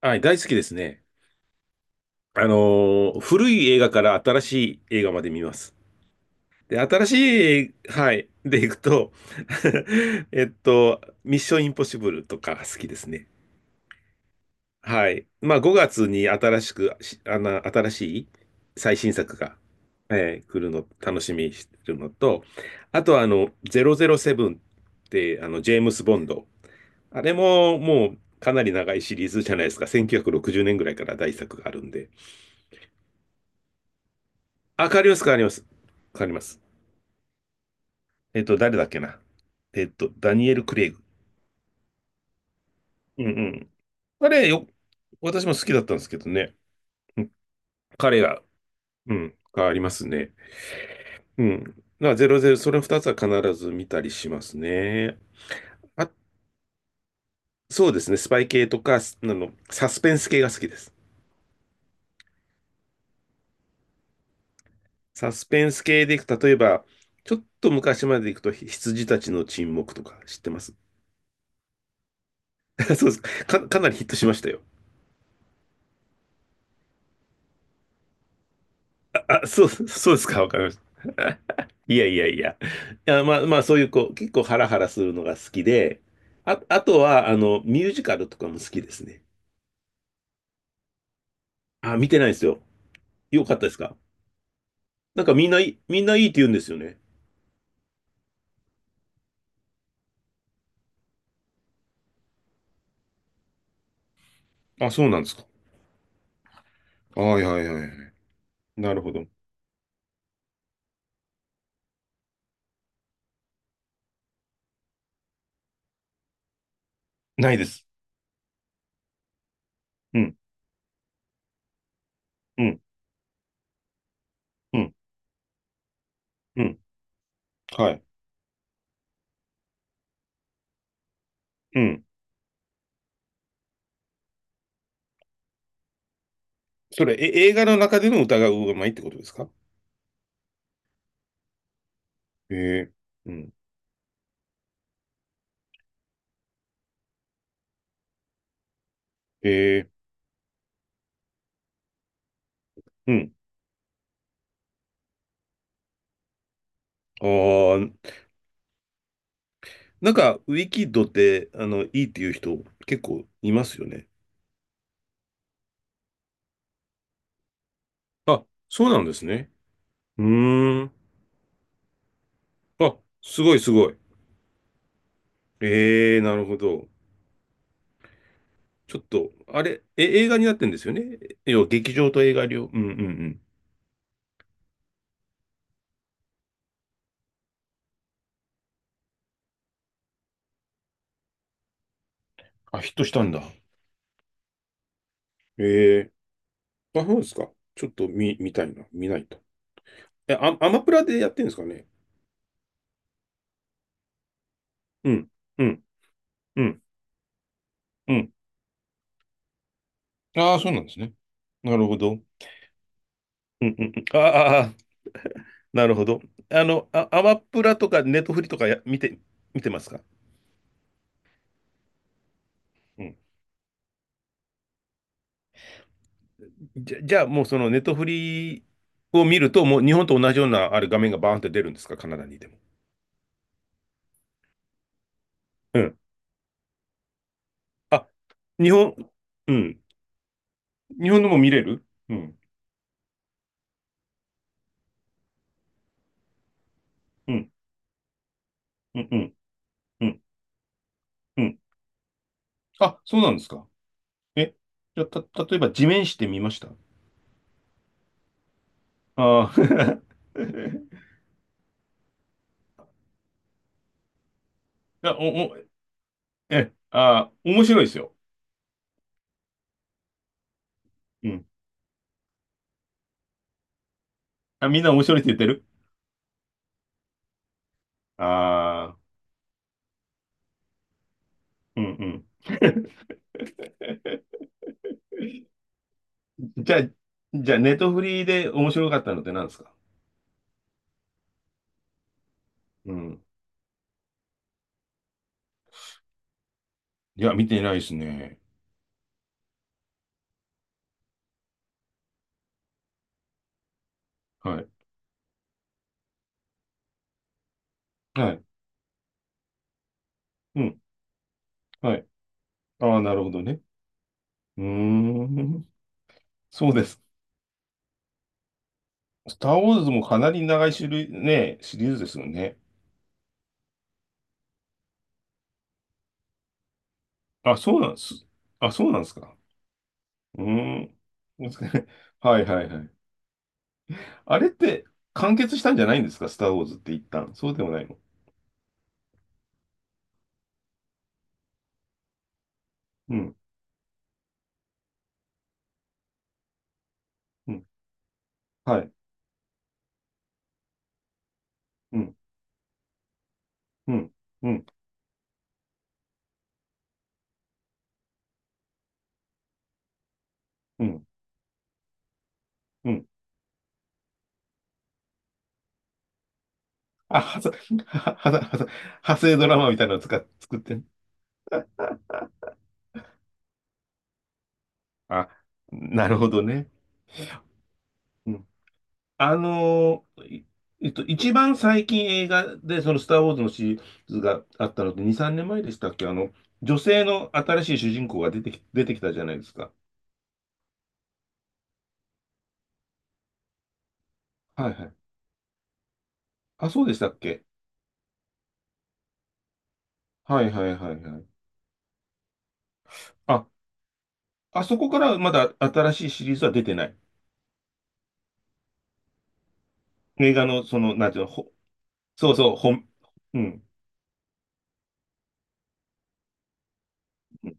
はい、大好きですね。古い映画から新しい映画まで見ます。で、新しい、はい、でいくと ミッションインポッシブルとか好きですね。はい。まあ、5月に新しく、しあの、新しい最新作が、来るの、楽しみにしてるのと、あとは、007って、ジェームス・ボンド。あれも、もう、かなり長いシリーズじゃないですか。1960年ぐらいから大作があるんで。あ、変わります、変わります。変わります。誰だっけな。ダニエル・クレイグ。うんうん。彼よ、私も好きだったんですけどね。うん、彼が、うん、変わりますね。うん。まあ、ゼロゼロそれ2つは必ず見たりしますね。あ、そうですね。スパイ系とか、すあの、サスペンス系が好きです。サスペンス系でいく、例えば、ちょっと昔までいくと、羊たちの沈黙とか知ってます？ そうですか。かなりヒットしましたよ。あそう、そうですか。わかりました。いやいやいや。いや、まあまあ、そういう、こう、結構ハラハラするのが好きで、あ、あとは、ミュージカルとかも好きですね。あ、見てないですよ。よかったですか？なんかみんないい、みんないいって言うんですよね。あ、そうなんですか。はいはいはいはい。なるほど。ないです。うん、うん、うん、うん。はい。うん。それ、映画の中での歌がうまいってことですか？ええ、うん。ええ、うん。ああ、なんか、ウィキッドって、いいっていう人結構いますよね。あ、そうなんですね。うーん。あ、すごいすごい。ええ、なるほど。ちょっと、あれ、映画になってんですよね。要は劇場と映画うんうんうん。あ、ヒットしたんだ。ええ。あ、そうですか。ちょっと見たいな。見ないと。え、アマプラでやってんですかね。うん、うん、うん、うん。ああ、そうなんですね。なるほど。うんうんうん。ああ、なるほど。あ、アマプラとかネットフリとかや、見て、見てますか？うん。じゃあもうそのネットフリを見ると、もう日本と同じようなあれ画面がバーンって出るんですか、カナダにいても。うん。あ、日本、うん。日本のも見れる、うん。うん。うん。うん。うん。うん。あ、そうなんですか。え、じゃあ、例えば地面師って見ました？あああ、いや、お、お、え、あー、面白いですよ。うん。あ、みんな面白いって言ってる？ああー、うんうん。じゃあ、ネットフリで面白かったのって何ですか？うん。いや、見てないですね。はい。はい。うん。はい。ああ、なるほどね。うーん。そうです。スター・ウォーズもかなり長い種類、ね、シリーズですよね。あ、そうなんです。あ、そうなんですか。うーん。はいはいはい。あれって完結したんじゃないんですか、スター・ウォーズって一旦。そうでもないの？うん。うん。はい。うん。うん。うん。うん。うん。あ、はさ、ははさ、はさ、派生ドラマみたいなのを作ってん？あ、なるほどね。うん。あのー、一番最近映画で、その、スター・ウォーズのシリーズがあったのって2、3年前でしたっけ？女性の新しい主人公が出てきたじゃないですか。はいはい。あ、そうでしたっけ？はいはいはいはい。あ、あそこからまだ新しいシリーズは出てない。映画の、その、なんていうの、そうそう、うん、うん、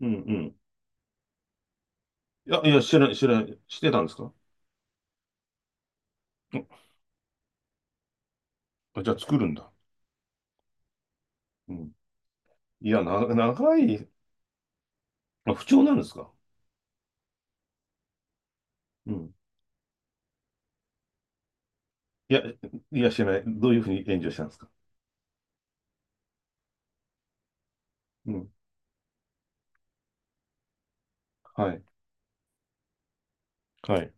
うん。うん。いや、いや、知らない、知らない、してたんですか？うん。あ、じゃあ作るんだ。うん。いや、長い、あ、不調なんですか？うん。いや、いや、知らない。どういうふうに炎上したんですか？うん。はい。はい。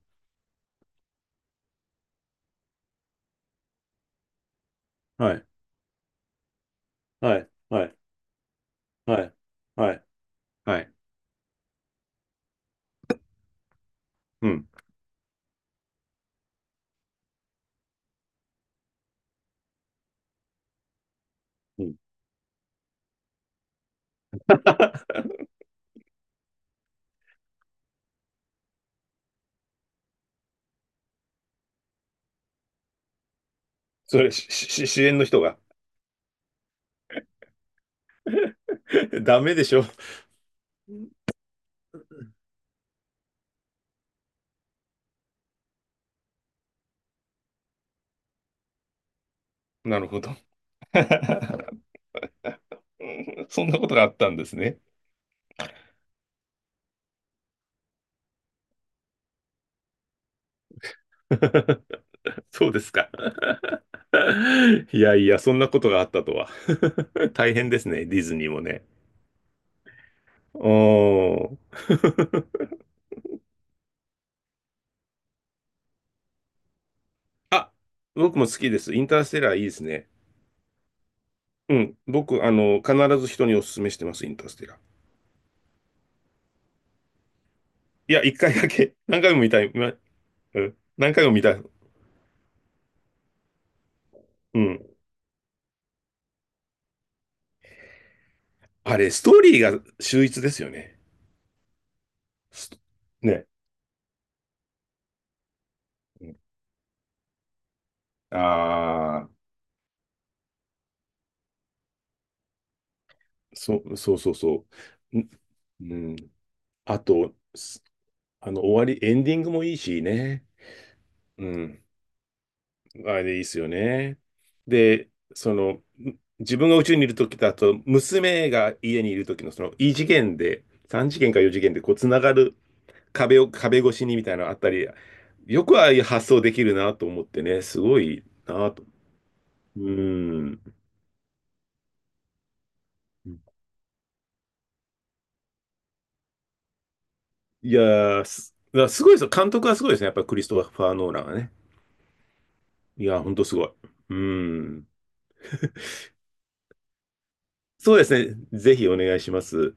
はい。はい。はい。はい。はい。はい。うん。うん。それ、支援の人が？ ダメでしょ。なるほど。うん。そんなことがあったんですね。そうですか。いやいや、そんなことがあったとは。大変ですね、ディズニーもね。おー。あ、僕も好きです。インターステラーいいですね。うん。僕、必ず人にお勧めしてます、インターステラー。いや、一回だけ。何回も見たい。うん。何回も見たい。うん。あれ、ストーリーが秀逸ですよね。ストね。ああー、そう、そうそうそう。んうん。あと、すあの、終わり、エンディングもいいしね。うん。あれいいっすよね。で、その、自分が宇宙にいるときと、あと、娘が家にいるときの、その、異次元で、3次元か4次元で、こう、つながる、壁を、壁越しにみたいなのあったり、よくああいう発想できるなと思ってね、すごいなと。うーん。いやー、だからすごいですよ。監督はすごいですね。やっぱりクリストファー・ノーランはね。いやー、ほんとすごい。うーん。そうですね。ぜひお願いします。